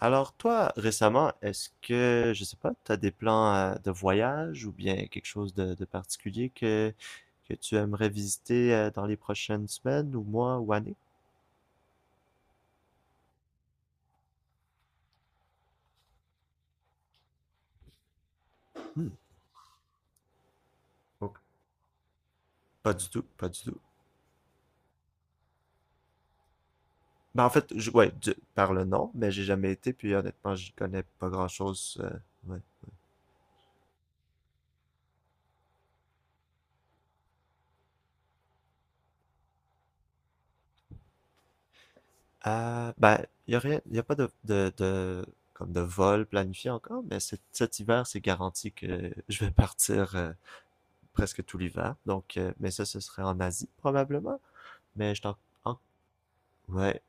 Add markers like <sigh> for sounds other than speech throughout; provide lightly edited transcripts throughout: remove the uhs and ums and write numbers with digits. Alors toi, récemment, est-ce que, je sais pas, t'as des plans de voyage ou bien quelque chose de particulier que tu aimerais visiter dans les prochaines semaines ou mois ou années? Hmm, ok. Pas du tout, pas du tout. Ben en fait, ouais, par le nom, mais j'ai jamais été, puis honnêtement, j'y connais pas grand-chose. Ouais. Ben, y a rien, y a pas comme de vol planifié encore, mais cet hiver, c'est garanti que je vais <laughs> partir presque tout l'hiver. Donc, mais ça, ce serait en Asie probablement. Mais je suis en- en- ouais,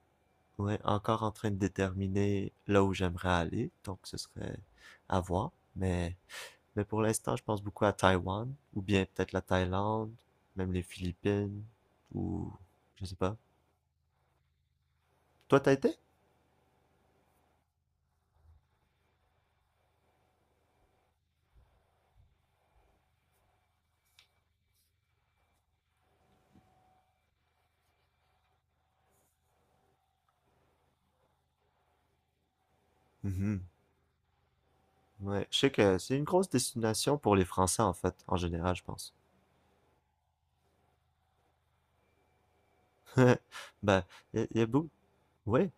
ouais, encore en train de déterminer là où j'aimerais aller. Donc, ce serait à voir. Mais, mais pour l'instant, je pense beaucoup à Taïwan ou bien peut-être la Thaïlande, même les Philippines ou je sais pas. Toi, t'as été? Mhm. Ouais, je sais que c'est une grosse destination pour les Français en fait, en général, je pense. <laughs> Ben, y a beaucoup. Ouais.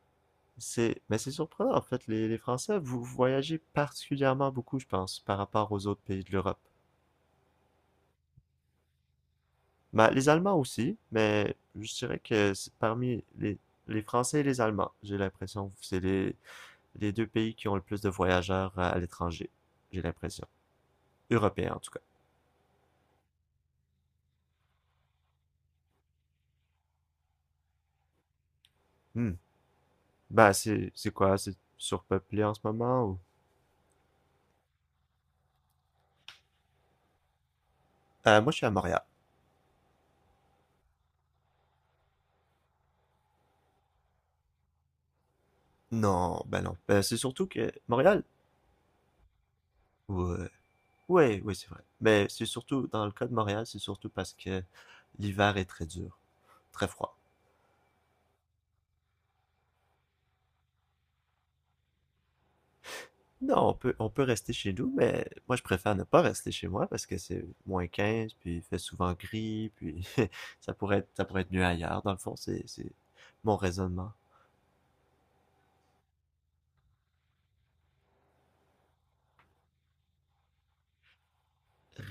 C'est, mais c'est surprenant en fait, les Français, vous voyagez particulièrement beaucoup, je pense, par rapport aux autres pays de l'Europe. Bah, les Allemands aussi, mais je dirais que c'est parmi les Français et les Allemands, j'ai l'impression, que c'est les deux pays qui ont le plus de voyageurs à l'étranger, j'ai l'impression. Européens en tout cas. Hmm. Bah, c'est quoi, c'est surpeuplé en ce moment ou? Moi, je suis à Montréal. Non, ben non. Ben, c'est surtout que Montréal. Ouais. Oui, oui, c'est vrai. Mais c'est surtout, dans le cas de Montréal, c'est surtout parce que l'hiver est très dur, très froid. Non, on peut rester chez nous, mais moi, je préfère ne pas rester chez moi parce que c'est moins 15, puis il fait souvent gris, puis <laughs> ça pourrait être mieux ailleurs. Dans le fond, c'est mon raisonnement.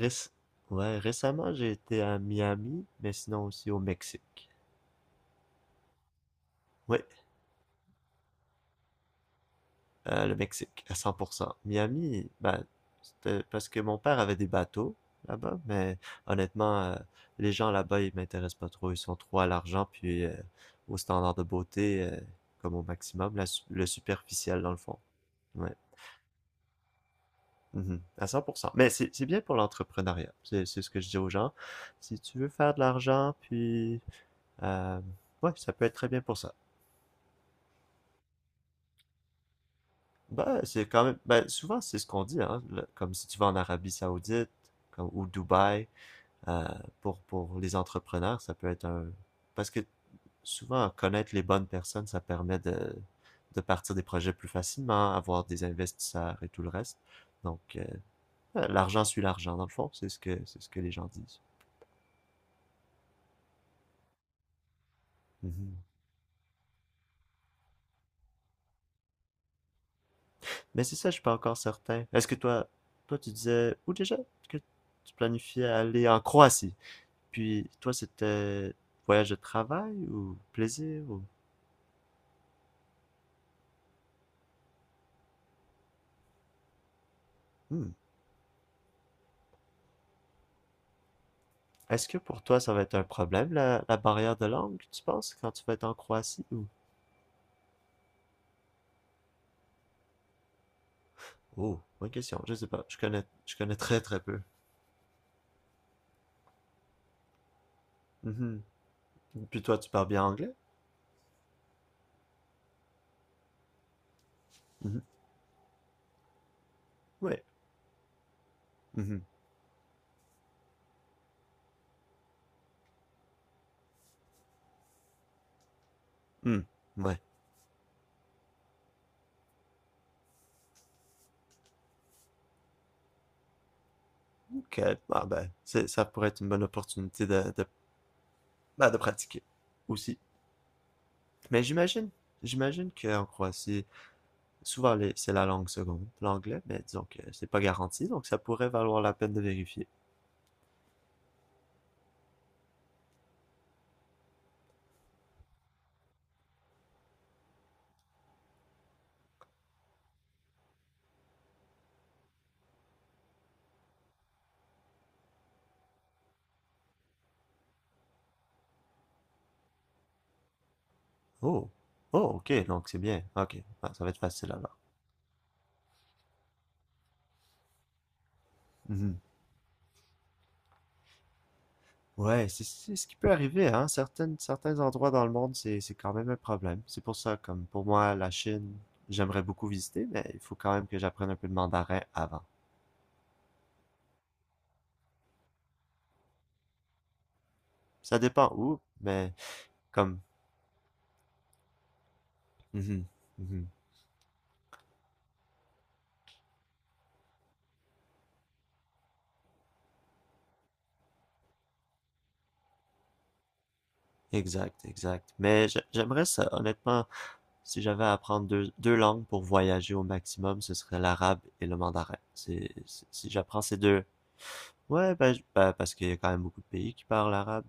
Réc- ouais, récemment, j'ai été à Miami, mais sinon aussi au Mexique. Oui. Le Mexique, à 100%. Miami, bah, c'était parce que mon père avait des bateaux là-bas, mais honnêtement, les gens là-bas, ils m'intéressent pas trop. Ils sont trop à l'argent, puis au standard de beauté, comme au maximum, le superficiel dans le fond. Ouais. Mhm. À 100%. Mais c'est bien pour l'entrepreneuriat. C'est ce que je dis aux gens. Si tu veux faire de l'argent, puis... euh, ouais, ça peut être très bien pour ça. Ben, c'est quand même, ben, souvent c'est ce qu'on dit, hein, comme si tu vas en Arabie Saoudite, comme, ou Dubaï, euh, pour les entrepreneurs, ça peut être un, parce que souvent connaître les bonnes personnes, ça permet de partir des projets plus facilement, avoir des investisseurs et tout le reste. Donc, l'argent suit l'argent, dans le fond, c'est ce que les gens disent. Mhm. Mais c'est ça, je suis pas encore certain. Est-ce que toi, toi tu disais, ou déjà, que tu planifiais aller en Croatie? Puis toi, c'était voyage de travail ou plaisir ou... Hmm. Est-ce que pour toi, ça va être un problème, la barrière de langue, tu penses, quand tu vas être en Croatie ou... Oh, bonne question, je sais pas, je connais très très peu. Mhm. Puis toi, tu parles bien anglais? Mhm. Oui. Mhm. Hmm. Ouais. Ok. Ah ben, c'est, ça pourrait être une bonne opportunité ben, de pratiquer aussi. Mais j'imagine, j'imagine qu'en Croatie, souvent, c'est la langue seconde, l'anglais, mais disons que c'est pas garanti, donc ça pourrait valoir la peine de vérifier. Oh, oh, ok, donc c'est bien. Ok, ah, ça va être facile alors. Mhm. Ouais, c'est ce qui peut arriver, hein. Certains endroits dans le monde, c'est quand même un problème. C'est pour ça, comme pour moi, la Chine, j'aimerais beaucoup visiter, mais il faut quand même que j'apprenne un peu de mandarin avant. Ça dépend où, mais comme. Mhm, mhm. Exact, exact. Mais j'aimerais ça, honnêtement. Si j'avais à apprendre deux langues pour voyager au maximum, ce serait l'arabe et le mandarin. C'est, si j'apprends ces deux, ouais, ben, parce qu'il y a quand même beaucoup de pays qui parlent arabe,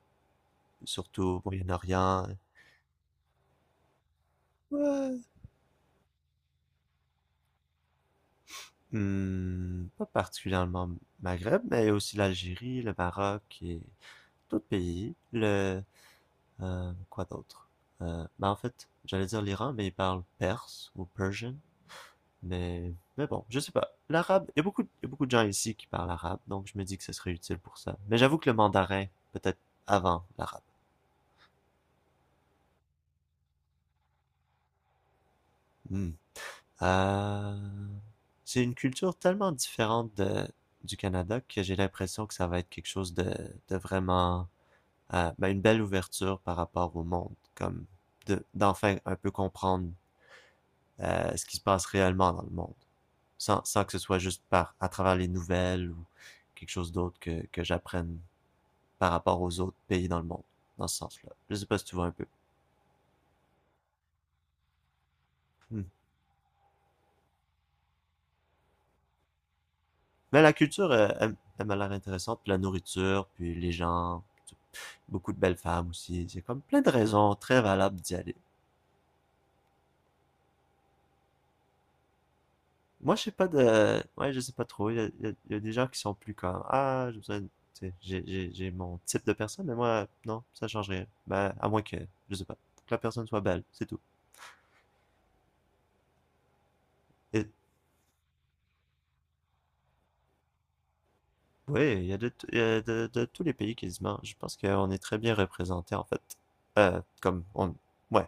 surtout au Moyen-Orient. Ouais, hmm, pas particulièrement Maghreb, mais aussi l'Algérie, le Maroc et d'autres pays. Le, quoi d'autre? Ben en fait, j'allais dire l'Iran, mais ils parlent perse ou persian. Mais bon, je sais pas. L'arabe, il y a beaucoup, il y a beaucoup de gens ici qui parlent arabe, donc je me dis que ce serait utile pour ça. Mais j'avoue que le mandarin, peut-être avant l'arabe. Hmm. Euh, c'est une culture tellement différente de, du Canada que j'ai l'impression que ça va être quelque chose de vraiment, ben, une belle ouverture par rapport au monde, comme de, d'enfin un peu comprendre ce qui se passe réellement dans le monde, sans que ce soit juste par, à travers les nouvelles ou quelque chose d'autre que j'apprenne par rapport aux autres pays dans le monde, dans ce sens-là. Je sais pas si tu vois un peu. Hmm. Mais la culture, elle, elle m'a l'air intéressante, puis la nourriture, puis les gens, beaucoup de belles femmes aussi. C'est comme plein de raisons très valables d'y aller. Moi, je sais pas de... Ouais, je sais pas trop. Il y a des gens qui sont plus comme... Ah, tu sais, j'ai mon type de personne, mais moi, non, ça change rien. Ben, à moins que, je sais pas, que la personne soit belle, c'est tout. Et oui, il y a de, t- il y a de tous les pays quasiment. Je pense qu'on est très bien représenté en fait. Comme on, ouais,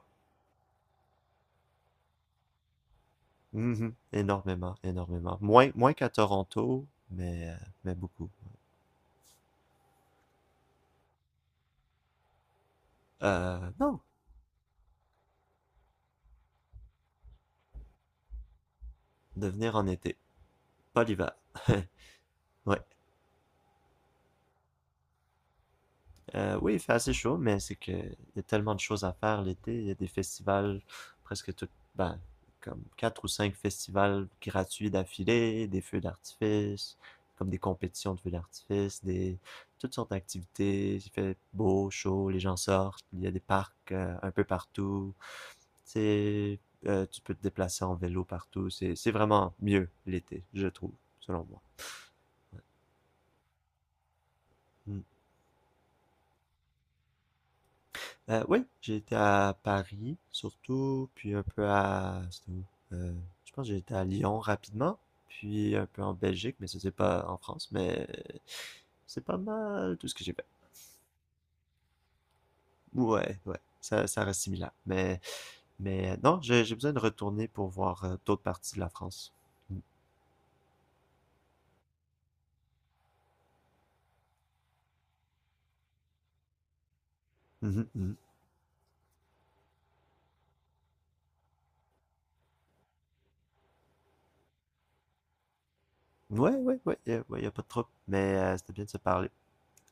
mhm. Énormément, énormément. Moins, moins qu'à Toronto, mais, euh, mais beaucoup. Non, de venir en été, pas l'hiver. <laughs> Ouais. Oui, il fait assez chaud, mais c'est que il y a tellement de choses à faire l'été. Il y a des festivals, presque tout, ben, comme quatre ou cinq festivals gratuits d'affilée, des feux d'artifice, comme des compétitions de feux d'artifice, des toutes sortes d'activités. Il fait beau, chaud, les gens sortent. Il y a des parcs un peu partout. C'est, tu peux te déplacer en vélo partout. C'est vraiment mieux l'été, je trouve, selon moi. Mm. Oui, j'ai été à Paris, surtout, puis un peu à... C'était où? Euh, je pense que j'ai été à Lyon rapidement, puis un peu en Belgique, mais ça c'est pas en France, mais c'est pas mal tout ce que j'ai fait. Ouais, ouais, ça reste similaire. Mais non, j'ai besoin de retourner pour voir d'autres parties de la France. Mhm, mhm. Ouais, ouais, ouais, ouais, y a pas de trouble, mais c'était bien de se parler.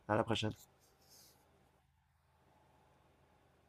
À la prochaine.